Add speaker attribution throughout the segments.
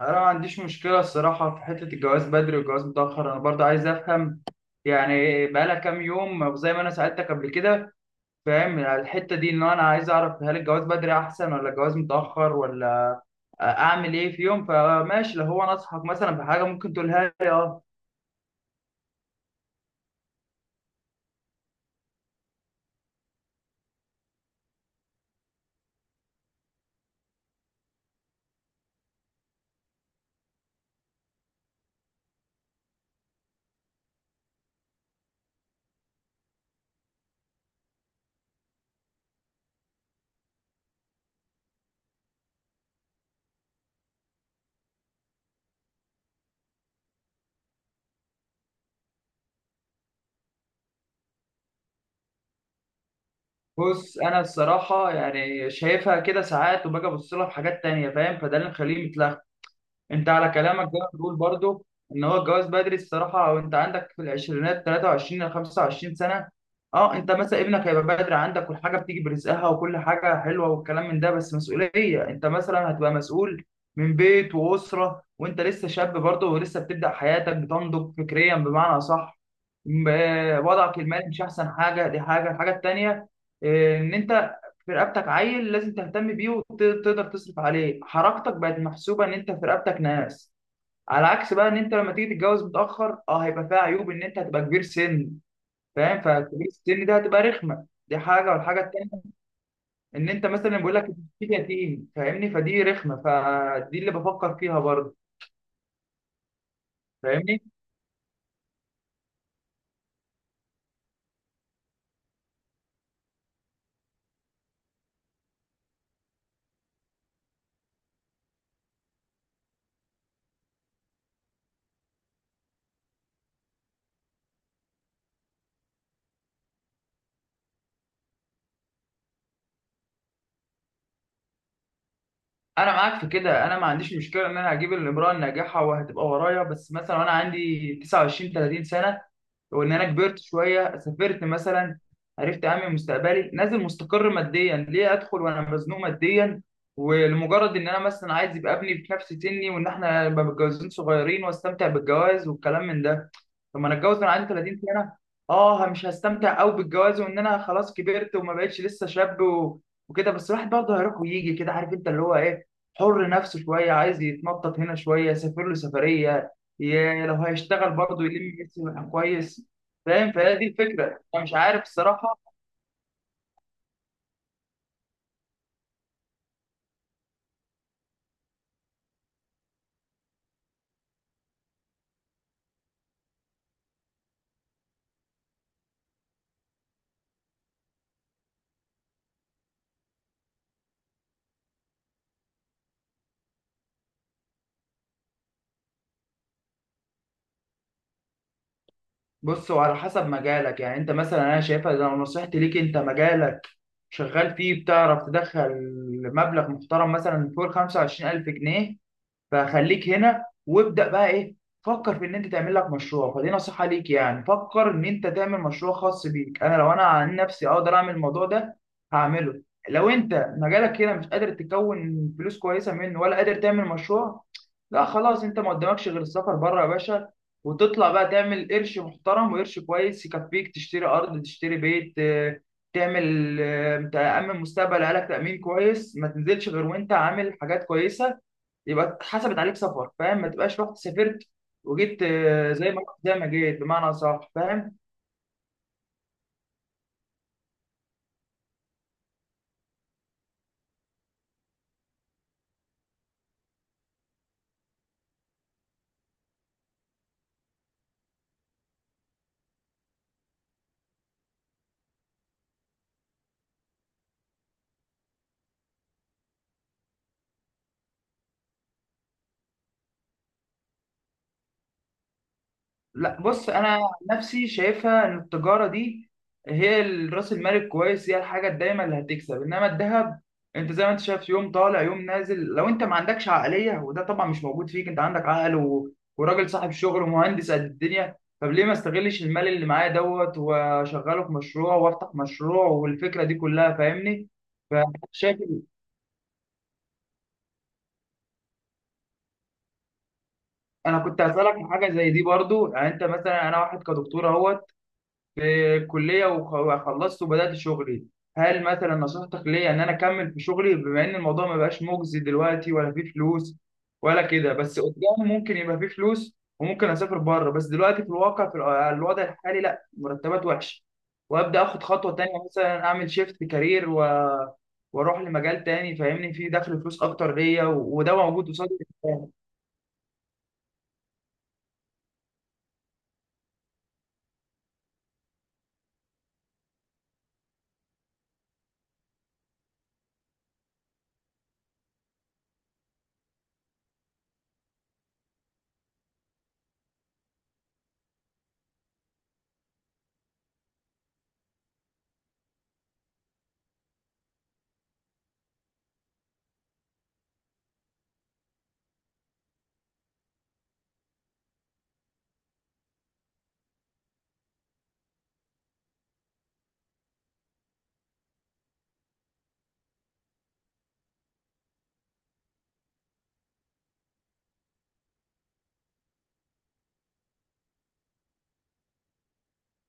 Speaker 1: انا ما عنديش مشكله الصراحه في حته الجواز بدري والجواز متاخر. انا برضه عايز افهم، بقالها كام يوم زي ما انا سالتك قبل كده. فاهم على الحته دي، ان انا عايز اعرف هل الجواز بدري احسن ولا الجواز متاخر ولا اعمل ايه في يوم. فماشي، لو هو نصحك مثلا بحاجه ممكن تقولها لي. اه بص، انا الصراحه شايفها كده ساعات وباجي ابص لها في حاجات تانية، فاهم؟ فده اللي مخليني متلخبط. انت على كلامك ده بتقول برضو ان هو الجواز بدري الصراحه وانت عندك في العشرينات 23 ل 25 سنه. اه انت مثلا ابنك هيبقى بدري عندك، والحاجه بتيجي برزقها وكل حاجه حلوه والكلام من ده، بس مسؤوليه، انت مثلا هتبقى مسؤول من بيت واسره وانت لسه شاب برضو، ولسه بتبدا حياتك بتنضج فكريا، بمعنى صح. وضعك المالي مش احسن حاجه، دي حاجه. الحاجه التانيه، ان انت في رقبتك عيل لازم تهتم بيه وتقدر تصرف عليه، حركتك بقت محسوبه ان انت في رقبتك ناس. على عكس بقى ان انت لما تيجي تتجوز متاخر، اه هيبقى فيها عيوب، ان انت هتبقى كبير سن. فاهم؟ فكبير السن ده هتبقى رخمه، دي حاجه. والحاجه التانيه ان انت مثلا بيقول لك انت يتيم، فاهمني؟ فدي رخمه، فدي اللي بفكر فيها برضه. فاهمني؟ انا معاك في كده، انا ما عنديش مشكله ان انا هجيب الامراه الناجحه وهتبقى ورايا، بس مثلا وانا عندي 29 30 سنه، وان انا كبرت شويه، سافرت مثلا، عرفت اعمل مستقبلي، نازل مستقر ماديا. ليه ادخل وانا مزنوق ماديا ولمجرد ان انا مثلا عايز يبقى ابني في نفس سني وان احنا نبقى متجوزين صغيرين واستمتع بالجواز والكلام من ده؟ لما انا اتجوز وانا عندي 30 سنه، اه مش هستمتع قوي بالجواز، وان انا خلاص كبرت وما بقتش لسه شاب وكده. بس الواحد برضه هيروح ويجي كده، عارف انت اللي هو ايه، حر نفسه شويه، عايز يتنطط هنا شويه، يسافر له سفريه، لو هيشتغل برضه يلم نفسه كويس. فاهم؟ فهي دي الفكره، انا مش عارف الصراحه. بص، هو على حسب مجالك يعني. انت مثلا، انا شايفها لو نصيحتي ليك، انت مجالك شغال فيه بتعرف تدخل مبلغ محترم مثلا فوق 25000 جنيه، فخليك هنا وابدأ بقى ايه، فكر في ان انت تعمل لك مشروع. فدي نصيحة ليك، يعني فكر ان انت تعمل مشروع خاص بيك. انا لو انا عن نفسي اقدر اعمل الموضوع ده، هعمله. لو انت مجالك هنا مش قادر تكون فلوس كويسة منه ولا قادر تعمل مشروع، لا خلاص، انت ما قدامكش غير السفر بره يا باشا، وتطلع بقى تعمل قرش محترم وقرش كويس يكفيك، تشتري ارض، تشتري بيت، تعمل، تأمن مستقبل عيالك تأمين كويس. ما تنزلش غير وانت عامل حاجات كويسة، يبقى اتحسبت عليك سفر. فاهم؟ ما تبقاش رحت سافرت وجيت، زي ما رحت زي ما جيت، بمعنى صح. فاهم؟ لا بص، انا عن نفسي شايفها ان التجاره دي هي راس المال الكويس، هي الحاجه الدايمه اللي هتكسب. انما الذهب انت زي ما انت شايف، يوم طالع يوم نازل. لو انت ما عندكش عقليه، وده طبعا مش موجود فيك، انت عندك عقل وراجل صاحب شغل ومهندس قد الدنيا، طب ليه ما استغلش المال اللي معايا دوت واشغله في مشروع وافتح مشروع والفكره دي كلها. فاهمني؟ فشايف. انا كنت هسألك في حاجه زي دي برضو. يعني انت مثلا، انا واحد كدكتور اهوت في الكليه، وخلصت وبدات شغلي. هل مثلا نصيحتك ليا ان انا اكمل في شغلي، بما ان الموضوع ما بقاش مجزي دلوقتي ولا فيه فلوس ولا كده، بس قدام ممكن يبقى فيه فلوس وممكن اسافر بره، بس دلوقتي في الواقع في الوضع الحالي لا، مرتبات وحشه. وابدا اخد خطوه تانية، مثلا اعمل شيفت كارير واروح لمجال تاني، فاهمني، فيه دخل فلوس اكتر ليا وده موجود قصادي.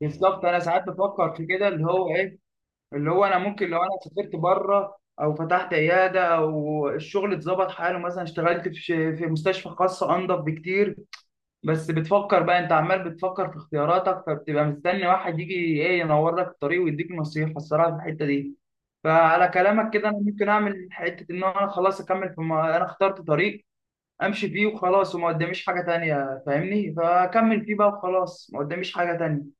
Speaker 1: بالظبط. انا ساعات بفكر في كده، اللي هو ايه، اللي هو انا ممكن لو انا سافرت بره، او فتحت عياده، او الشغل اتظبط حاله، مثلا اشتغلت في في مستشفى خاصه، انضف بكتير. بس بتفكر بقى، انت عمال بتفكر في اختياراتك، فبتبقى مستني واحد يجي ايه ينور لك الطريق ويديك نصيحه الصراحه في الحته دي. فعلى كلامك كده، انا ممكن اعمل حته ان انا خلاص اكمل في ما انا اخترت طريق امشي فيه وخلاص، وما قداميش حاجه تانية، فاهمني، فاكمل فيه بقى وخلاص ما قداميش حاجه تانية.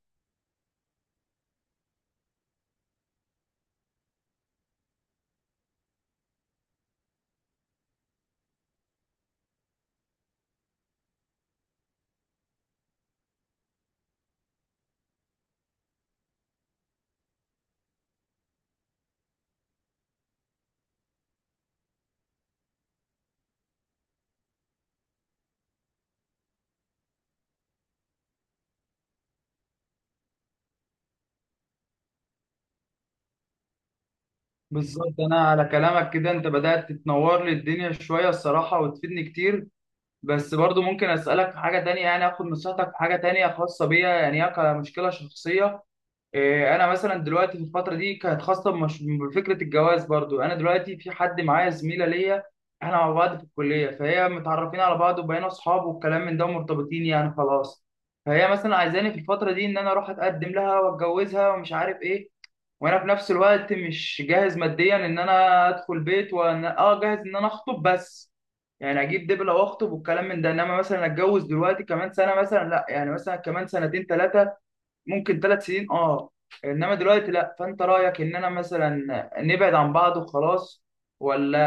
Speaker 1: بالظبط، انا على كلامك كده انت بدأت تتنور لي الدنيا شوية الصراحة وتفيدني كتير. بس برضو ممكن اسألك في حاجة تانية، يعني اخد نصيحتك في حاجة تانية خاصة بيا، يعني هي كمشكلة شخصية. إيه، انا مثلا دلوقتي في الفترة دي كانت خاصة بفكرة الجواز برضو. انا دلوقتي في حد معايا زميلة ليا، احنا مع بعض في الكلية، فهي متعرفين على بعض وبقينا اصحاب والكلام من ده، ومرتبطين يعني خلاص. فهي مثلا عايزاني في الفترة دي ان انا اروح اتقدم لها واتجوزها ومش عارف ايه، وانا في نفس الوقت مش جاهز ماديا ان انا ادخل بيت، وانا اه جاهز ان انا اخطب بس، يعني اجيب دبله واخطب والكلام من ده، انما مثلا اتجوز دلوقتي كمان سنه مثلا لا. يعني مثلا كمان سنتين ثلاثه، ممكن ثلاث سنين اه، انما دلوقتي لا. فانت رايك ان انا مثلا نبعد عن بعض وخلاص، ولا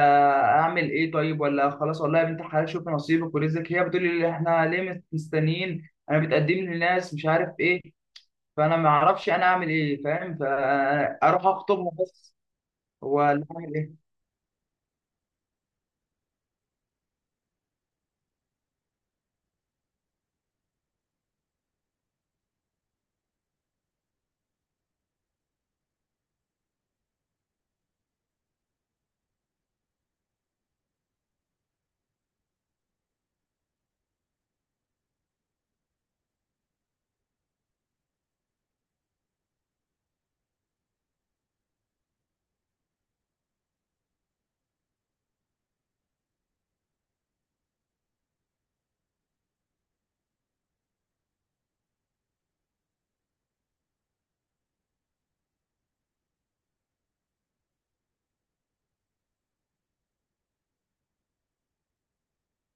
Speaker 1: اعمل ايه؟ طيب ولا خلاص والله يا بنت الحلال شوف نصيبك ورزقك؟ هي بتقول لي احنا ليه مستنيين، انا بتقدم لي ناس مش عارف ايه. فانا ما اعرفش انا اعمل ايه. فاهم؟ فاروح اخطبها بس ولا اعمل ايه؟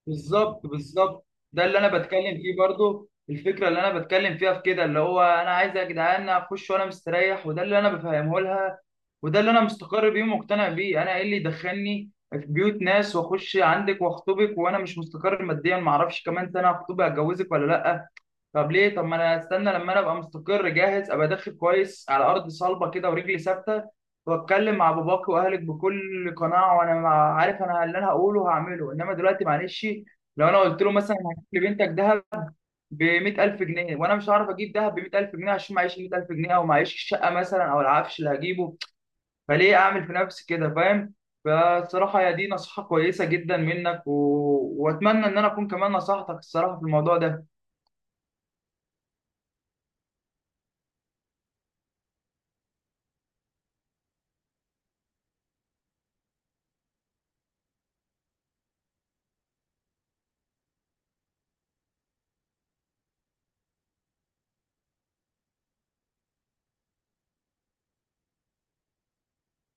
Speaker 1: بالظبط، بالظبط. ده اللي انا بتكلم فيه برضو، الفكره اللي انا بتكلم فيها في كده، اللي هو انا عايز يا جدعان اخش وانا مستريح، وده اللي انا بفهمه لها، وده اللي انا مستقر بيه ومقتنع بيه. انا ايه اللي يدخلني في بيوت ناس واخش عندك واخطبك وانا مش مستقر ماديا، ما اعرفش كمان سنه هخطبك هتجوزك ولا لا؟ طب ليه؟ طب ما انا استنى لما انا ابقى مستقر جاهز، ابقى داخل كويس على ارض صلبه كده ورجلي ثابته، واتكلم مع باباك واهلك بكل قناعه، وانا عارف انا اللي انا هقوله هعمله، انما دلوقتي معلش. لو انا قلت له مثلا هجيب لبنتك دهب ب 100000 جنيه وانا مش هعرف اجيب دهب ب 100000 جنيه، عشان معيش 100000 جنيه، او معيش الشقه مثلا، او العفش اللي هجيبه، فليه اعمل في نفسي كده؟ فاهم؟ فالصراحه يا دي نصيحه كويسه جدا منك واتمنى ان انا اكون كمان نصحتك الصراحه في الموضوع ده.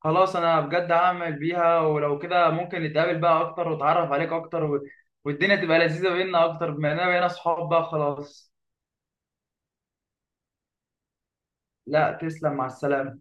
Speaker 1: خلاص انا بجد هعمل بيها. ولو كده ممكن نتقابل بقى اكتر واتعرف عليك اكتر والدنيا تبقى لذيذة بينا اكتر، بما اننا بقينا صحاب بقى خلاص. لا تسلم، مع السلامة.